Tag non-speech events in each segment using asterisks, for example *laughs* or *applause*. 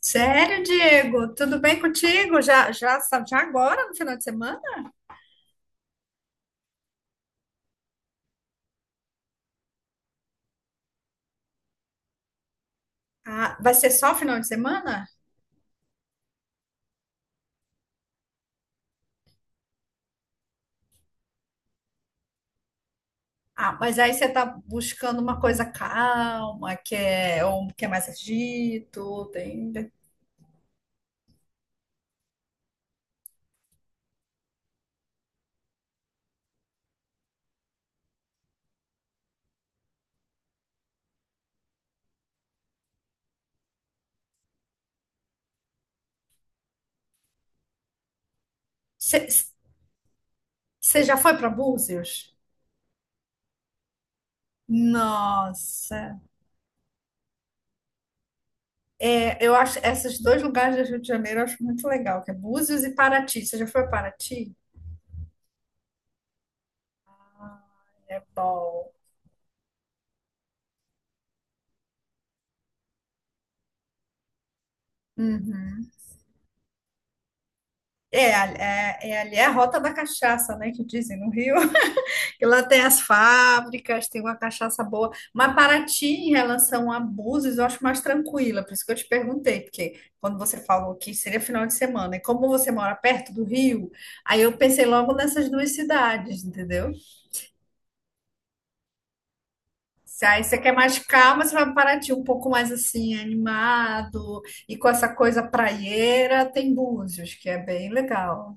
Sério, Diego? Tudo bem contigo? Já, já, já agora no final de semana? Ah, vai ser só final de semana? Ah, mas aí você tá buscando uma coisa calma, que é, ou que é mais agito, tem... Você você já foi para Búzios? Nossa. É, eu acho esses dois lugares do Rio de Janeiro eu acho muito legal, que é Búzios e Paraty. Você já foi a Paraty? É bom. Uhum. É, ali é a rota da cachaça, né, que dizem no Rio. E lá tem as fábricas, tem uma cachaça boa. Mas Paraty, em relação a Búzios, eu acho mais tranquila. Por isso que eu te perguntei, porque quando você falou que seria final de semana, e como você mora perto do Rio, aí eu pensei logo nessas duas cidades, entendeu? Se aí você quer mais calma, você vai para Paraty. Um pouco mais assim, animado, e com essa coisa praieira, tem Búzios, que é bem legal.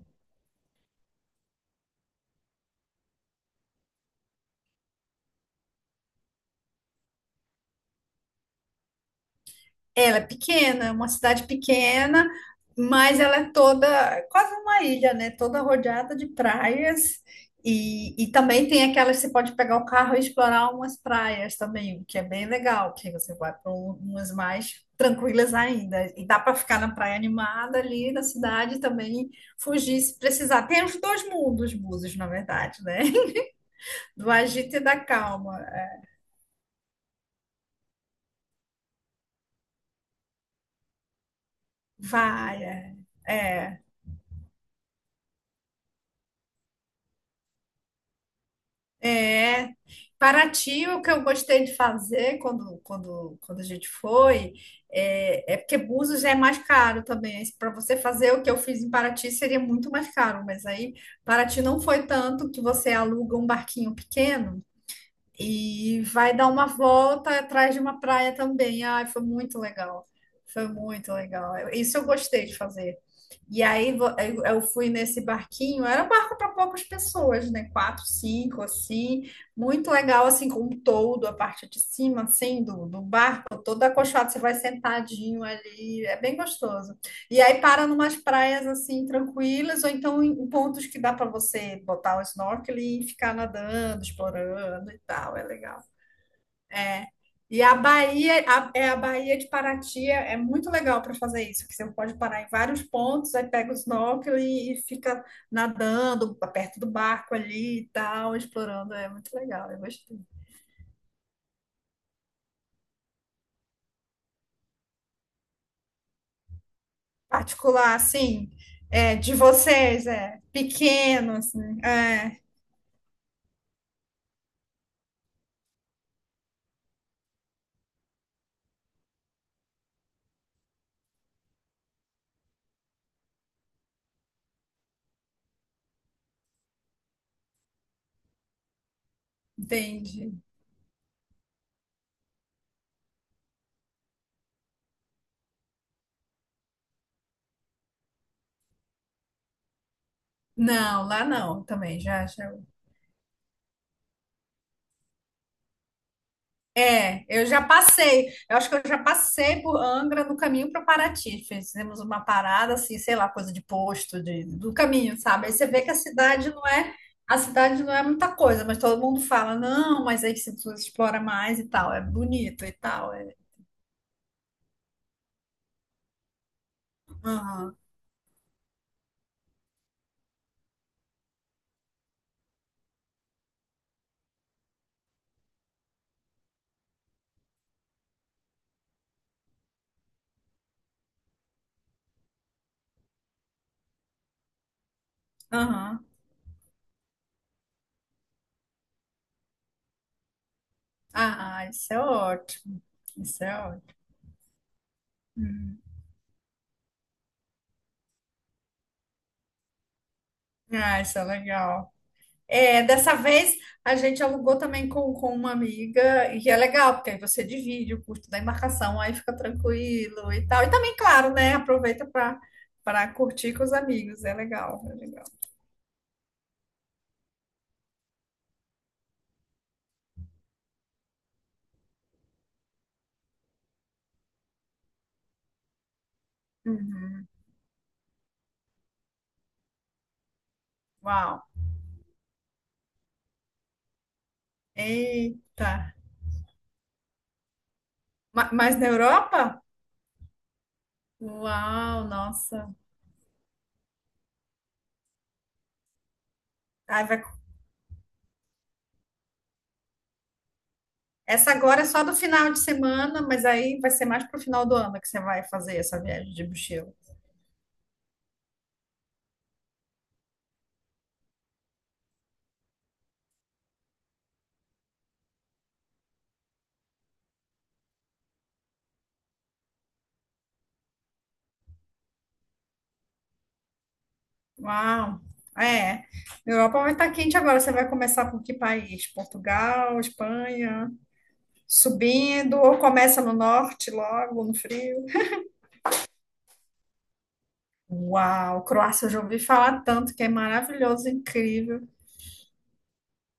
Ela é pequena, é uma cidade pequena, mas ela é toda, quase uma ilha, né? Toda rodeada de praias. E também tem aquelas que você pode pegar o carro e explorar umas praias também, o que é bem legal, que aí você vai para umas mais tranquilas ainda. E dá para ficar na praia animada ali na cidade e também fugir se precisar. Tem os dois mundos, búzios na verdade, né? *laughs* Do agito e da calma. Vai, é. É. É, Paraty, o que eu gostei de fazer quando, quando, quando a gente foi, é, é porque Búzios é mais caro também. Para você fazer o que eu fiz em Paraty seria muito mais caro, mas aí Paraty não foi tanto, que você aluga um barquinho pequeno. E vai dar uma volta atrás de uma praia também. Ai, foi muito legal. Foi muito legal. Eu- isso eu gostei de fazer. E aí vo- eu fui nesse barquinho, era um barco para poucas pessoas, né? Quatro, cinco, assim. Muito legal, assim, com um toldo, a parte de cima, assim, do, do barco, todo acolchoado, você vai sentadinho ali. É bem gostoso. E aí para numas praias assim tranquilas, ou então em em pontos que dá para você botar o snorkeling e ficar nadando, explorando e tal, é legal. E a Bahia, a, é a Bahia de Paraty é é muito legal para fazer isso, que você pode parar em vários pontos, aí pega o snorkeling e fica nadando perto do barco ali e tal, explorando, é muito legal, eu gostei. Particular, assim, é, de vocês, é pequeno, assim, é, entendi. Não, lá não, também já, já. É, eu já passei. Eu acho que eu já passei por Angra no caminho para Paraty. Fizemos uma parada assim, sei lá, coisa de posto de, do caminho, sabe? Aí você vê que a cidade não é, a cidade não é muita coisa, mas todo mundo fala, não, mas aí você explora mais e tal, é bonito e tal. É... Aham, aham. Ah, isso é ótimo. Isso é ótimo. Hum. Ah, isso é legal. É, dessa vez a gente alugou também com uma amiga, e é legal, porque aí você divide o custo da embarcação, aí fica tranquilo e tal. E também, claro, né? Aproveita para curtir com os amigos, é legal, é legal. Uhum. Uau! Eita! Ma- mas na Europa? Uau, nossa. Ai, vai- essa agora é só do final de semana, mas aí vai ser mais pro final do ano que você vai fazer essa viagem de mochila. Uau! É. Europa vai estar quente agora. Você vai começar por que país? Portugal, Espanha, subindo, ou começa no norte logo, no frio? Uau! Croácia, eu já ouvi falar tanto que é maravilhoso, incrível.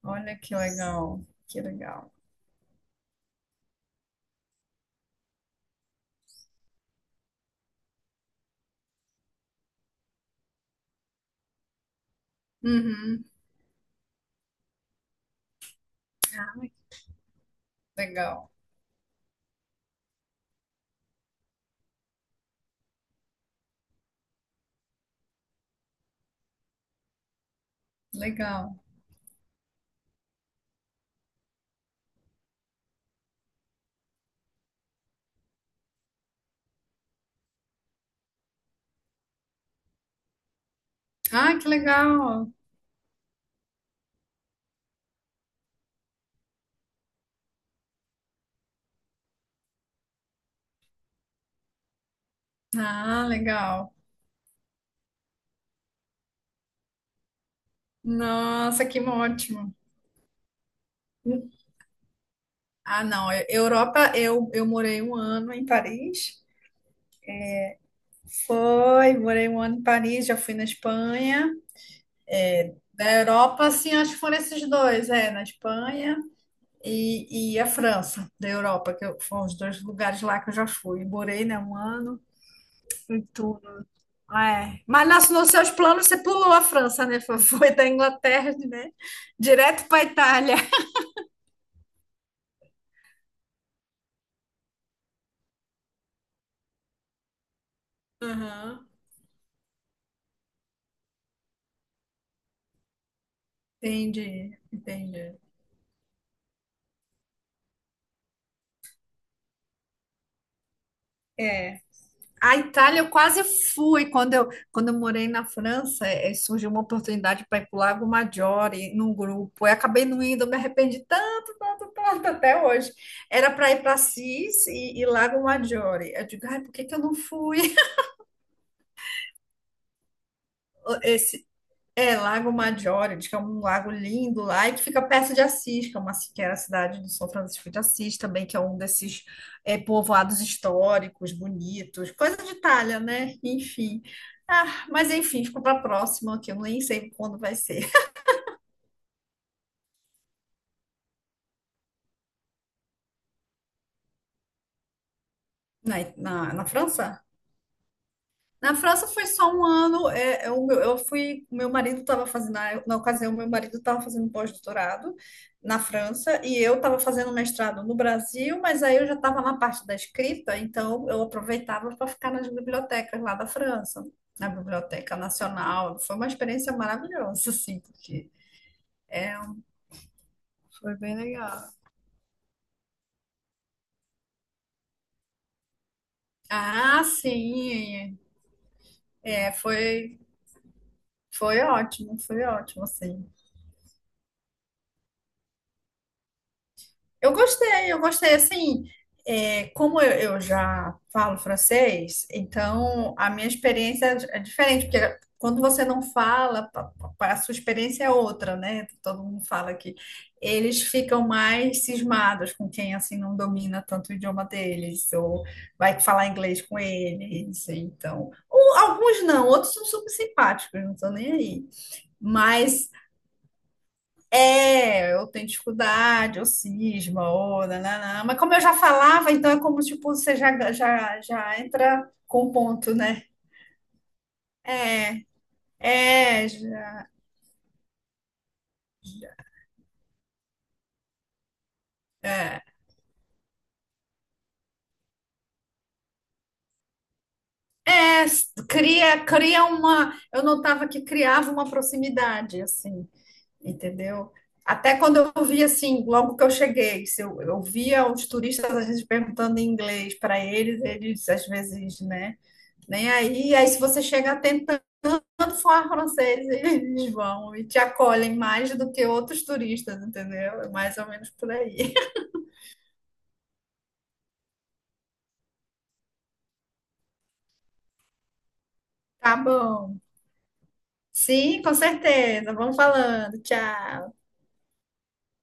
Olha que legal, que legal. Uhum. Ai, legal, legal. Ah, que legal. Ah, legal. Nossa, que ótimo. Ah, não. Eu- Europa, eu morei um ano em Paris. Foi, morei um ano em Paris, já fui na Espanha. Da Europa, assim, acho que foram esses dois, é, na Espanha e a França, da Europa, que eu- foram os dois lugares lá que eu já fui. Morei, né, um ano, fui tudo. É. Mas nas, nos seus planos você pulou a França, né? Foi da Inglaterra, né? Direto para Itália. Aham. Entendi, entendi. É. A Itália eu quase fui quando eu morei na França, eh, surgiu uma oportunidade para ir para o Lago Maggiore num grupo. Eu acabei não indo, eu me arrependi tanto, tanto, tanto até hoje. Era para ir para Assis e Lago Maggiore. Eu digo, ai, por que que eu não fui? *laughs* Esse é, Lago Maggiore, diz que é um lago lindo lá e que fica perto de Assis, que é uma, que era a cidade do São Francisco de Assis também, que é um desses, é, povoados históricos, bonitos, coisa de Itália, né? Enfim. Ah, mas enfim, ficou para a próxima, que eu nem sei quando vai ser. *laughs* Na França? Na França foi só um ano. É, eu fui, meu marido estava fazendo, na, na ocasião, meu marido estava fazendo um pós-doutorado na França e eu estava fazendo mestrado no Brasil, mas aí eu já estava na parte da escrita, então eu aproveitava para ficar nas bibliotecas lá da França, na Biblioteca Nacional. Foi uma experiência maravilhosa, assim, porque foi bem legal. Ah, sim, é, foi, foi ótimo, assim. Eu gostei, eu gostei. Assim, é, como eu já falo francês, então a minha experiência é diferente, porque quando você não fala, pa- pa- a sua experiência é outra, né? Todo mundo fala que eles ficam mais cismados com quem assim não domina tanto o idioma deles, ou vai falar inglês com eles, então. Ou alguns não, outros são super simpáticos, não estão nem aí. Mas é, eu tenho dificuldade, ou cisma, ou nananã. Mas como eu já falava, então é como, tipo, você já entra com o ponto, né? É, já- é, s- cria, cria uma... Eu notava que criava uma proximidade, assim, entendeu? Até quando eu via, assim, logo que eu cheguei, se eu, eu via os turistas, às vezes, perguntando em inglês para eles, eles, às vezes, né? Nem aí, aí se você chega quando for francês, eles vão e te acolhem mais do que outros turistas, entendeu? É mais ou menos por aí. *laughs* Tá bom. Sim, com certeza. Vamos falando. Tchau.